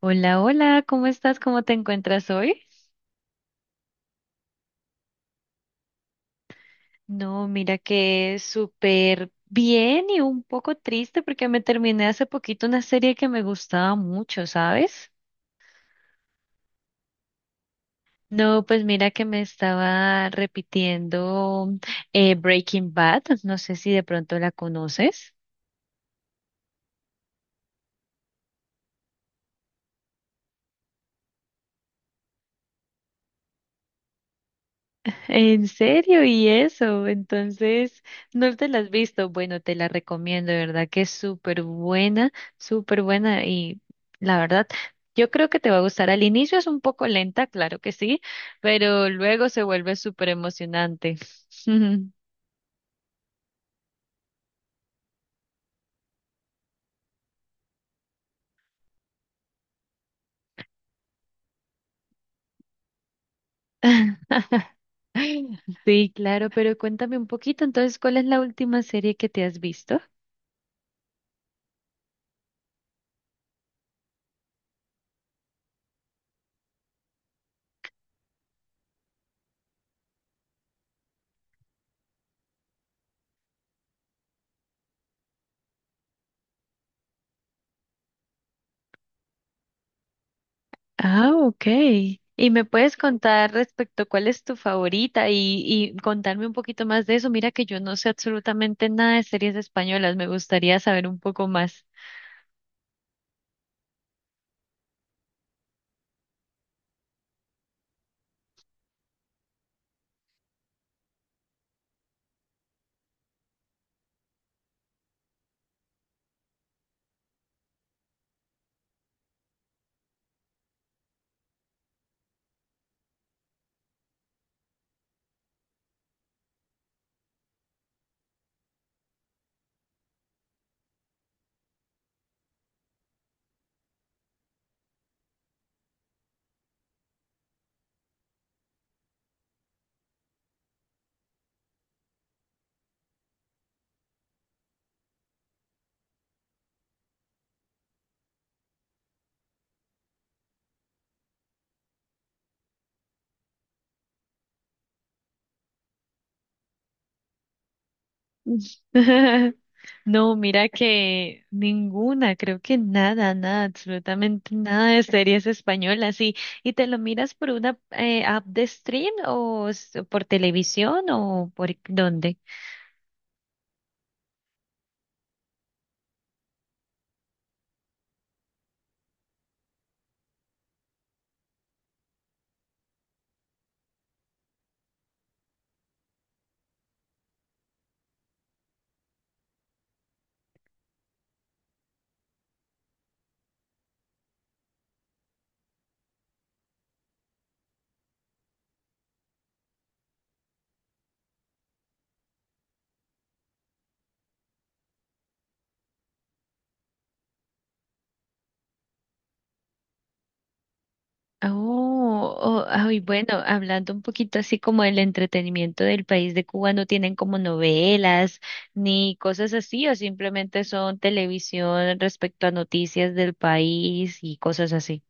Hola, hola, ¿cómo estás? ¿Cómo te encuentras hoy? No, mira que súper bien y un poco triste porque me terminé hace poquito una serie que me gustaba mucho, ¿sabes? No, pues mira que me estaba repitiendo Breaking Bad, no sé si de pronto la conoces. En serio, y eso, entonces no te la has visto. Bueno, te la recomiendo, de verdad que es súper buena, súper buena. Y la verdad, yo creo que te va a gustar. Al inicio es un poco lenta, claro que sí, pero luego se vuelve súper emocionante. Sí, claro, pero cuéntame un poquito. Entonces, ¿cuál es la última serie que te has visto? Ah, ok. ¿Y me puedes contar respecto cuál es tu favorita y, contarme un poquito más de eso? Mira que yo no sé absolutamente nada de series españolas, me gustaría saber un poco más. No, mira que ninguna, creo que nada, nada, absolutamente nada de series españolas. Y te lo miras por una app de stream por televisión o por dónde? Oh, oh, ay, bueno, hablando un poquito así como del entretenimiento del país de Cuba, ¿no tienen como novelas ni cosas así o simplemente son televisión respecto a noticias del país y cosas así?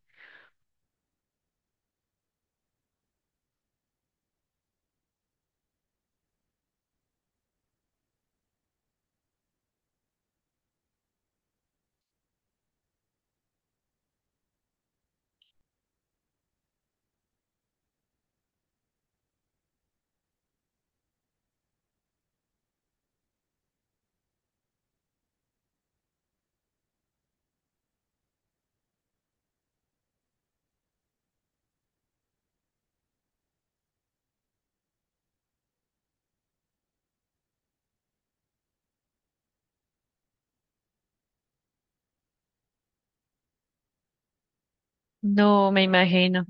No, me imagino.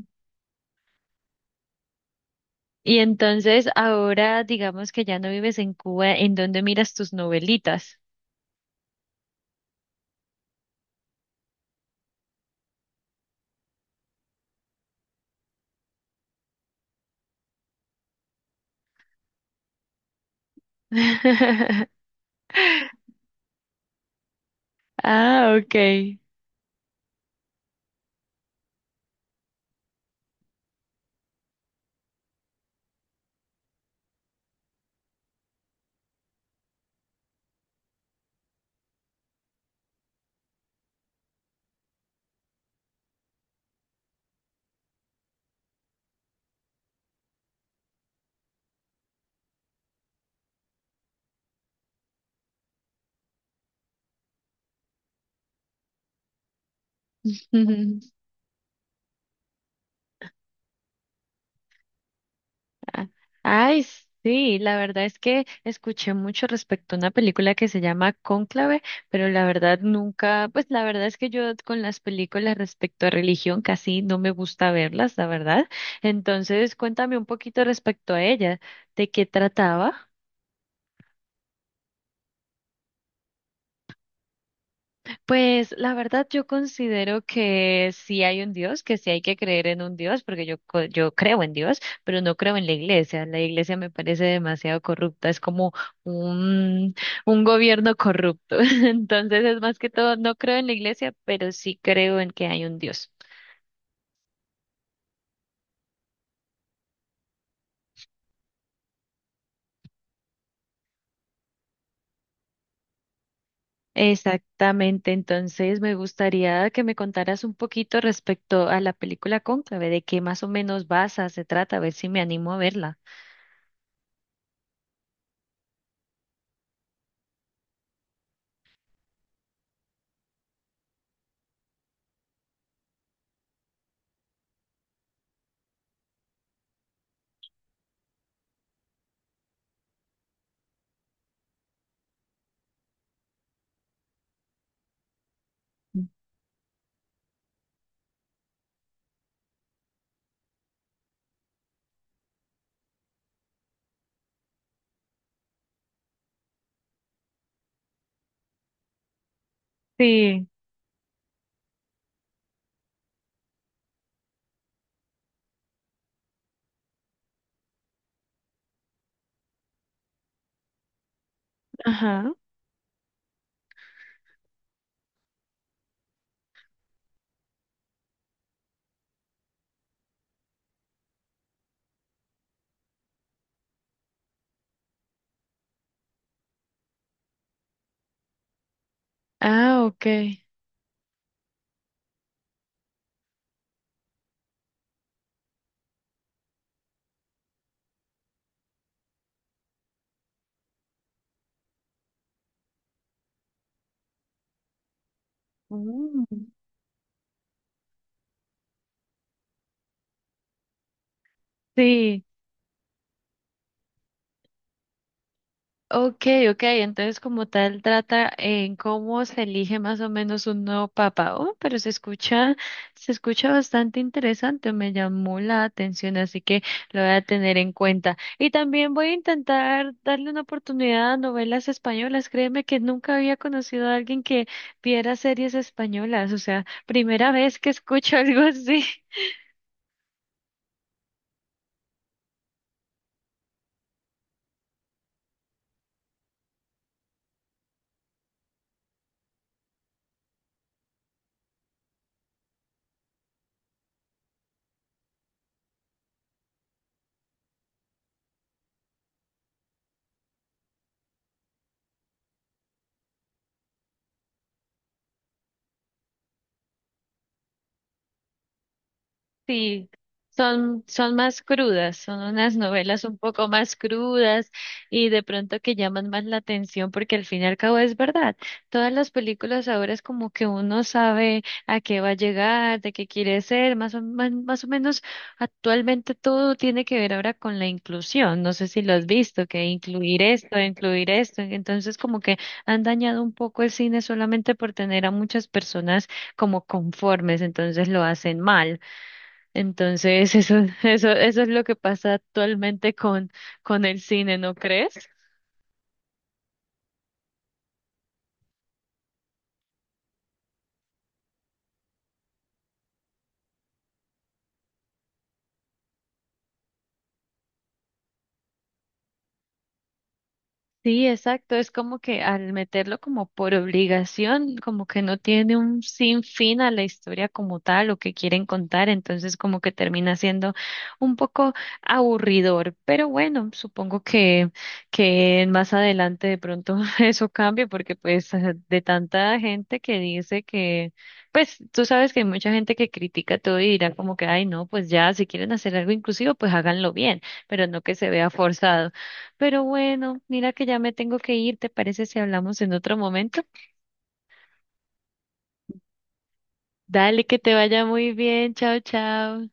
Y entonces ahora digamos que ya no vives en Cuba, ¿en dónde miras tus novelitas? Ah, ok. Ah, ay, sí, la verdad es que escuché mucho respecto a una película que se llama Cónclave, pero la verdad nunca, pues la verdad es que yo con las películas respecto a religión casi no me gusta verlas, la verdad. Entonces, cuéntame un poquito respecto a ella, ¿de qué trataba? Pues la verdad yo considero que sí hay un Dios, que sí hay que creer en un Dios, porque yo creo en Dios, pero no creo en la iglesia. La iglesia me parece demasiado corrupta, es como un, un gobierno corrupto. Entonces es más que todo, no creo en la iglesia, pero sí creo en que hay un Dios. Exactamente, entonces me gustaría que me contaras un poquito respecto a la película Cónclave, de qué más o menos basa, se trata, a ver si me animo a verla. Sí, ajá. Ah, ok. Mm, sí, ok, ok. Entonces, como tal, trata en cómo se elige más o menos un nuevo papa. Oh, pero se escucha bastante interesante, me llamó la atención, así que lo voy a tener en cuenta. Y también voy a intentar darle una oportunidad a novelas españolas. Créeme que nunca había conocido a alguien que viera series españolas, o sea, primera vez que escucho algo así. Sí, son, son más crudas, son unas novelas un poco más crudas y de pronto que llaman más la atención porque al fin y al cabo es verdad. Todas las películas ahora es como que uno sabe a qué va a llegar, de qué quiere ser, más o, más, más o menos actualmente todo tiene que ver ahora con la inclusión. No sé si lo has visto, que incluir esto, incluir esto. Entonces como que han dañado un poco el cine solamente por tener a muchas personas como conformes, entonces lo hacen mal. Entonces, eso, eso es lo que pasa actualmente con el cine, ¿no crees? Sí, exacto. Es como que al meterlo como por obligación, como que no tiene un sinfín a la historia como tal o que quieren contar, entonces como que termina siendo un poco aburridor. Pero bueno, supongo que más adelante de pronto eso cambie porque pues de tanta gente que dice que, pues tú sabes que hay mucha gente que critica todo y dirá como que, ay, no, pues ya, si quieren hacer algo inclusivo, pues háganlo bien, pero no que se vea forzado. Pero bueno, mira que ya me tengo que ir, ¿te parece si hablamos en otro momento? Dale, que te vaya muy bien, chao, chao.